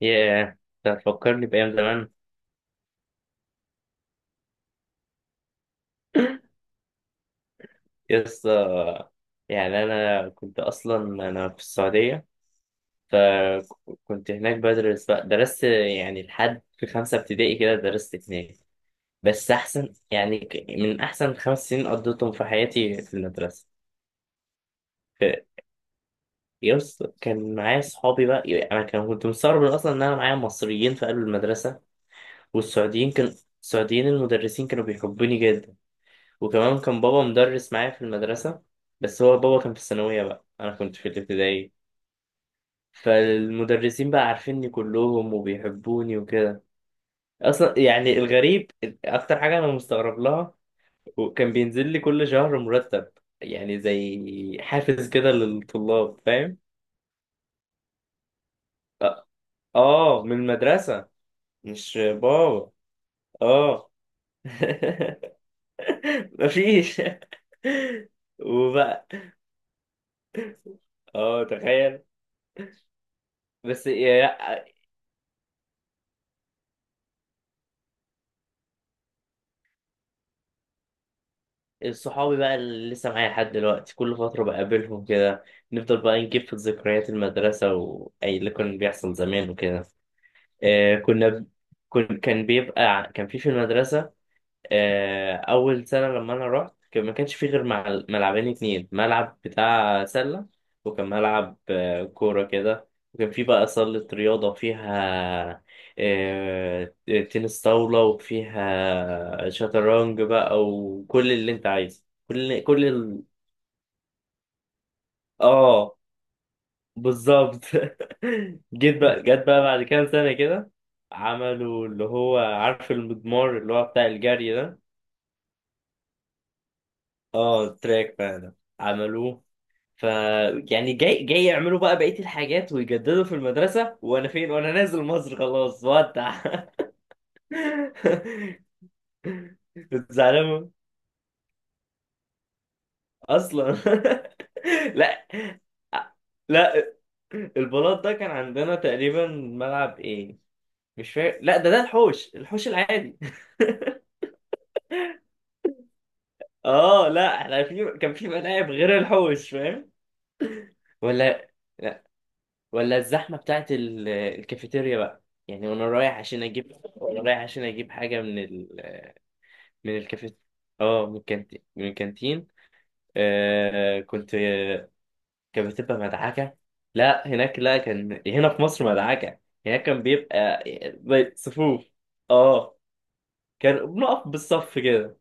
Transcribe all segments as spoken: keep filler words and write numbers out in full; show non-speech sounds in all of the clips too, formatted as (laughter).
ياه، ده فكرني بأيام زمان. يس آه، يعني أنا كنت أصلا أنا في السعودية. فكنت هناك بدرس بقى درست يعني لحد في خمسة ابتدائي كده درست هناك. بس أحسن يعني، ك- من أحسن خمس سنين قضيتهم في حياتي في المدرسة. ف- يس كان معايا صحابي بقى، يعني أنا كان كنت مستغرب أصلا إن أنا معايا مصريين في قلب المدرسة. والسعوديين كان السعوديين المدرسين كانوا بيحبوني. وكمان كان بابا مدرس معايا في المدرسة، بس هو بابا كان في الثانوية بقى، أنا كنت في الابتدائي. فالمدرسين بقى عارفيني كلهم وبيحبوني وكده. أصلا يعني الغريب أكتر حاجة أنا مستغرب لها، وكان بينزل لي كل شهر مرتب، يعني زي حافز كده للطلاب، فاهم؟ آه. آه، من المدرسة. مش بابا. آه. (laughs) مفيش. (laughs) وبقى. آه، تخيل. بس يا- صحابي بقى اللي لسه معايا لحد دلوقتي، كل فترة بقابلهم كده. نفضل بقى نجيب في ذكريات المدرسة، وأي اللي كان بيحصل زمان وكده. آه، كنا، كن كان بيبقى كان في في المدرسة. آه، اول سنه لما انا رحت كان- ما كانش فيه غير مع- ملعبين اتنين، ملعب بتاع سله، وكان ملعب آه، كوره كده، وكان فيه بقى صاله رياضه فيها آه، تنس طاوله، وفيها شطرنج بقى، وكل اللي انت عايزه، كل كل ال... اه، بالظبط. (laughs) جيت بقى جت بقى بعد كام سنه كده، عملوا اللي هو عارف المضمار اللي هو بتاع الجري ده. اه، تراك بقى ده عملوه. ف يعني جاي جاي يعملوا بقى بقية الحاجات ويجددوا في المدرسة، وانا فين، وانا نازل مصر خلاص، ودع. (laughs) كنت زعلان اصلا. (laughs) لا، لا، البلاط ده كان عندنا تقريبا ملعب ايه، مش فاكر. لا، ده ده الحوش، الحوش العادي. اه، لا، احنا في كان في ملاعب غير الحوش، فاهم؟ ولا، ولا الزحمة بتاعت ال- الكافيتيريا بقى. يعني وانا رايح عشان اجيب وانا رايح عشان اجيب حاجة من ال... من الكافيتيريا. اه، من الكانتين من الكانتين. آه كنت. كانت بتبقى مدعكة. لا هناك، لا كان هنا في مصر مدعكة. هناك كان بيبقى زي صفوف. اه، كان بنقف بالصف كده.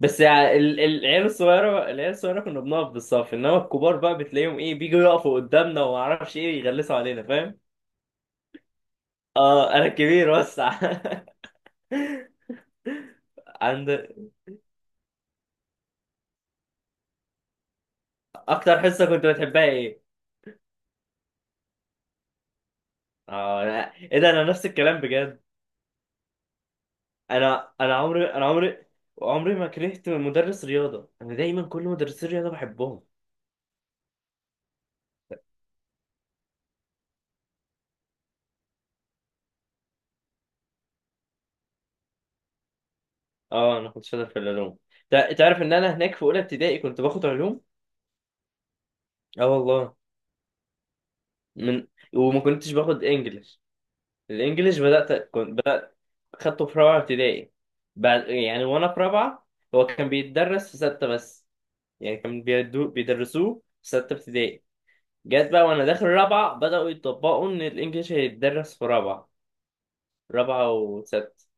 بس يعني ال- ال- العيال الصغيرة العيال الصغيرة كنا بنقف بالصف، انما الكبار بقى بتلاقيهم ايه، بيجوا يقفوا قدامنا، وما اعرفش ايه، يغلسوا علينا، فاهم؟ اه، انا الكبير بس. (laughs) عند. اكتر حصه كنت بتحبها ايه؟ اه، لا. ايه ده، انا نفس الكلام بجد. انا انا عمري انا عمري عمري ما كرهت مدرس رياضه، انا دايما كل مدرسين الرياضه بحبهم. اه، انا كنت شاطر في العلوم. تع- تعرف ان انا هناك في اولى ابتدائي كنت باخد علوم؟ اه، والله. من وما كنتش باخد انجليش. الانجليش بدات، كنت بدات خدته في رابعه ابتدائي، بعد يعني وانا في رابعه. هو كان بيتدرس في سته بس، يعني كانوا بيدو بيدرسوه في ستة ابتدائي. جت بقى وانا داخل رابعة، بدأوا يطبقوا ان الانجليش هيتدرس في رابعة، رابعة وست.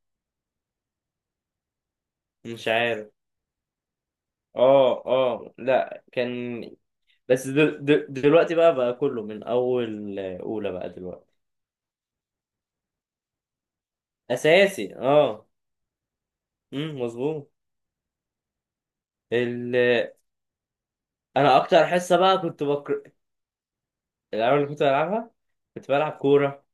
مش عارف. اه، اه، لا كان. بس دل... دل... دلوقتي بقى، بقى كله من اول اولى بقى دلوقتي. اساسي، اه. امم، مظبوط. ال... انا اكتر حصة بقى كنت بكر. الالعاب اللي كنت بلعبها. كنت بلعب كورة.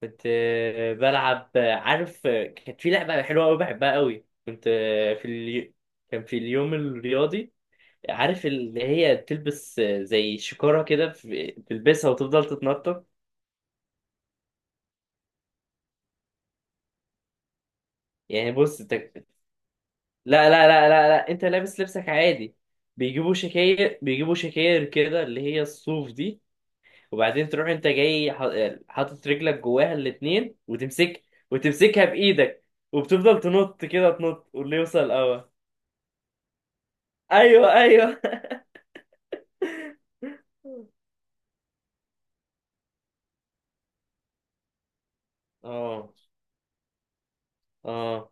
كنت آه، بلعب آه، عارف، آه، كانت في لعبة حلوة أوي بحبها أوي، كنت آه، في اليو... كان في اليوم الرياضي. عارف اللي هي تلبس آه، زي شكارة كده، في- تلبسها وتفضل تتنطط. يعني بص، تك... لا لا لا لا لا، أنت لابس لبسك عادي. بيجيبوا شكاير بيجيبوا شكاير كده، اللي هي الصوف دي. وبعدين تروح أنت جاي ح- حاطط رجلك جواها الاتنين وتمسك. وتمسكها بإيدك. وبتفضل تنط كده، تنط، واللي يوصل الأول. ايوه، ايوه. اه، اه،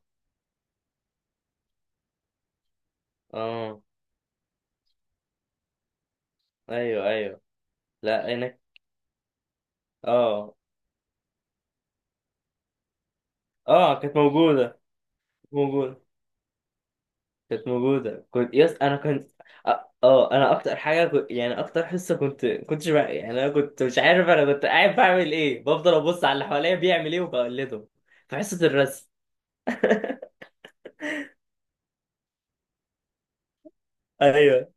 اه. ايوه، ايوه. لا، انا. اه، اه، كانت موجوده كانت موجوده كانت موجوده، كنت يس انا كنت. اه، آه، انا اكتر حاجه كنت... يعني اكتر حصه كنت كنتش بقى... يعني انا كنت مش عارف انا كنت قاعد بعمل ايه، بفضل ابص على اللي حواليا بيعمل ايه وبقلده، في حصه الرسم. ايوه،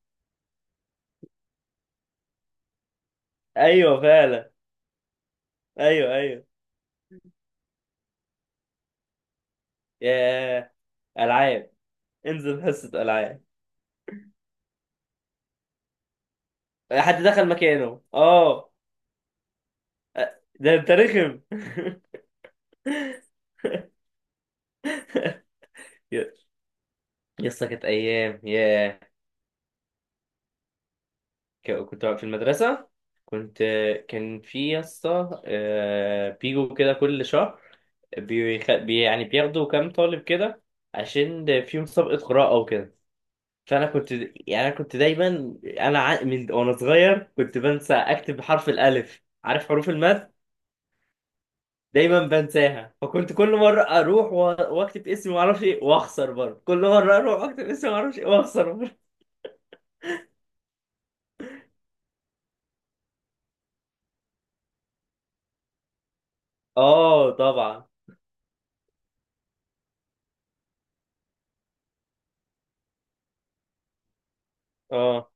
ايوه فعلا. ايوه، ايوه. يا، العاب، انزل حصه العاب. حد دخل مكانه، اه. ده انت رخم. (laughs) يا، يا اسطى، كانت ايام يا. ك- كنت في المدرسه. كنت. كان في يا اسطى آه، بيجوا كده كل شهر. بيخ... بي... يعني بياخدوا كام طالب كده، عشان في مسابقه قراءه وكده. فانا كنت يعني انا كنت دايما، انا ع... من وانا صغير كنت بنسى اكتب حرف الالف، عارف، حروف المد. دايما بنساها، فكنت كل مره اروح و- واكتب اسمي ما اعرفش ايه، واخسر برضه، كل مره اروح واكتب اسمي ما اعرفش ايه، واخسر برضه. اه، طبعا. اه،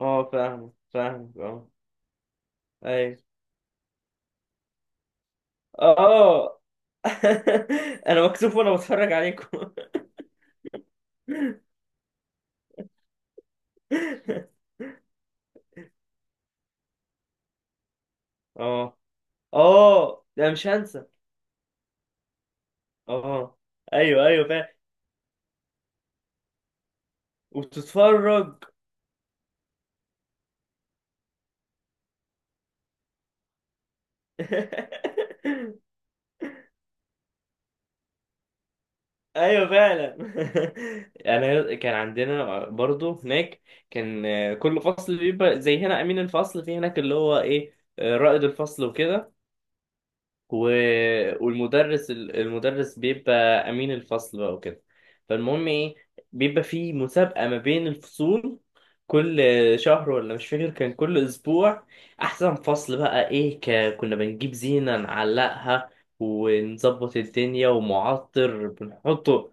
اه، فاهمك، فاهمك اه. ايوه، اه. (laughs) انا مكسوف وانا بتفرج عليكم. (laughs) اه، اه، ده مش هنسى. اه، ايوه، ايوه، فاهم. وتتفرج. (laughs) ايوه فعلا. (laughs) انا كان عندنا برضو هناك. كان آه، كل فصل بيبقى زي هنا امين الفصل، في هناك اللي هو ايه آه، رائد الفصل وكده. و- والمدرس ال- المدرس بيبقى امين الفصل بقى وكده. فالمهم ايه، بيبقى في مسابقة ما بين الفصول. كل شهر ولا مش فاكر، كان كل اسبوع احسن فصل بقى ايه. ك... كنا بنجيب زينة نعلقها، ونظبط الدنيا، ومعطر بنحطه.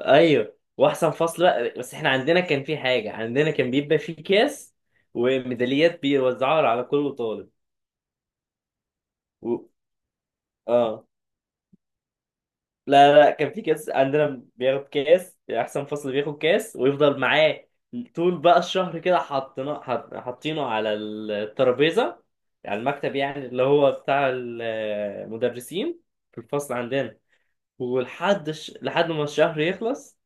ايوه، واحسن فصل بقى، بس احنا عندنا كان في حاجه، عندنا كان بيبقى في كاس وميداليات بيوزعوها على كل طالب. و... اه، لا، لا، كان في كاس عندنا، بياخد كاس، احسن فصل بياخد كاس ويفضل معاه طول بقى الشهر كده، حاطينه حاط- حاطينه على الترابيزه، على المكتب يعني اللي هو بتاع المدرسين في الفصل عندنا، ولحد الش- لحد ما الشهر يخلص.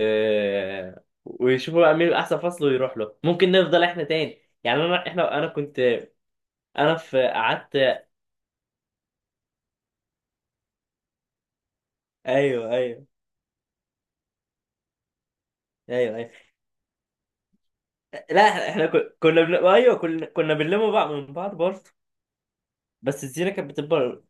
آه، ويشوفوا بقى مين احسن فصل ويروح له، ممكن نفضل احنا تاني، يعني انا احنا انا كنت، انا في قعدت. ايوه، ايوه. ايوه، ايوه. لا، احنا إحنا ك- كنا بن... ايوه كنا كنا بنلم بقى من بعض برضه. بس الزينه كانت بتكبر.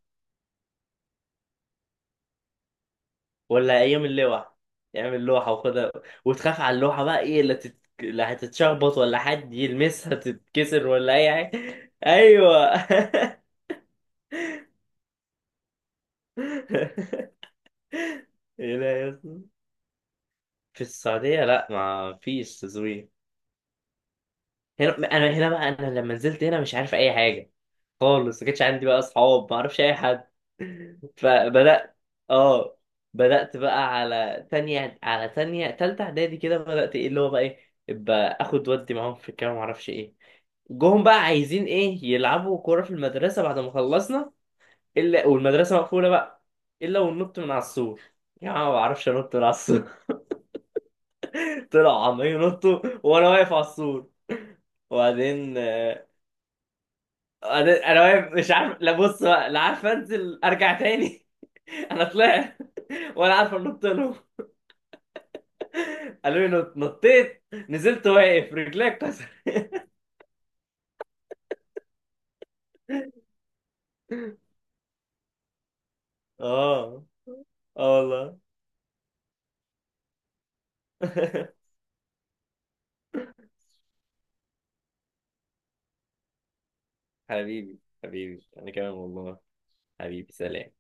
ولا ايام اللوحه، يعمل لوحه وخدها، وتخاف على اللوحه بقى، ايه اللي تت... اللي هتتشخبط، ولا حد يلمسها تتكسر، ولا اي حاجه. ايوه. (laughs) ايه ده يا اسطى؟ في السعوديه، لا، ما فيش تزويق. هنا انا هنا بقى انا لما نزلت هنا مش عارف اي حاجه خالص، ما كانش عندي بقى اصحاب، ما اعرفش اي حد. (laughs) فبدات. اه، بدات بقى على تانية، على تانية تالتة اعدادي كده، بدات ايه اللي هو بقى ايه، ابقى اخد ودي معاهم في الكلام ما اعرفش ايه. جوهم بقى عايزين ايه، يلعبوا كوره في المدرسه بعد ما خلصنا. الا والمدرسه مقفوله بقى. الا وننط من على السور. يا عم، ما بعرفش انط من على السور. (laughs) طلعوا عمالين ينطوا، وانا واقف على السور. وبعدين انا أنا واقف مش عارف، لا بص بقى لا عارف انزل ارجع تاني. (laughs) انا طلعت. ولا عارف انط لهم. قالوا لي نط، نطيت، نزلت واقف، رجليك كسر. (laughs) اه، اه والله. (laughs) حبيبي، حبيبي انا كمان والله. حبيبي، سلام.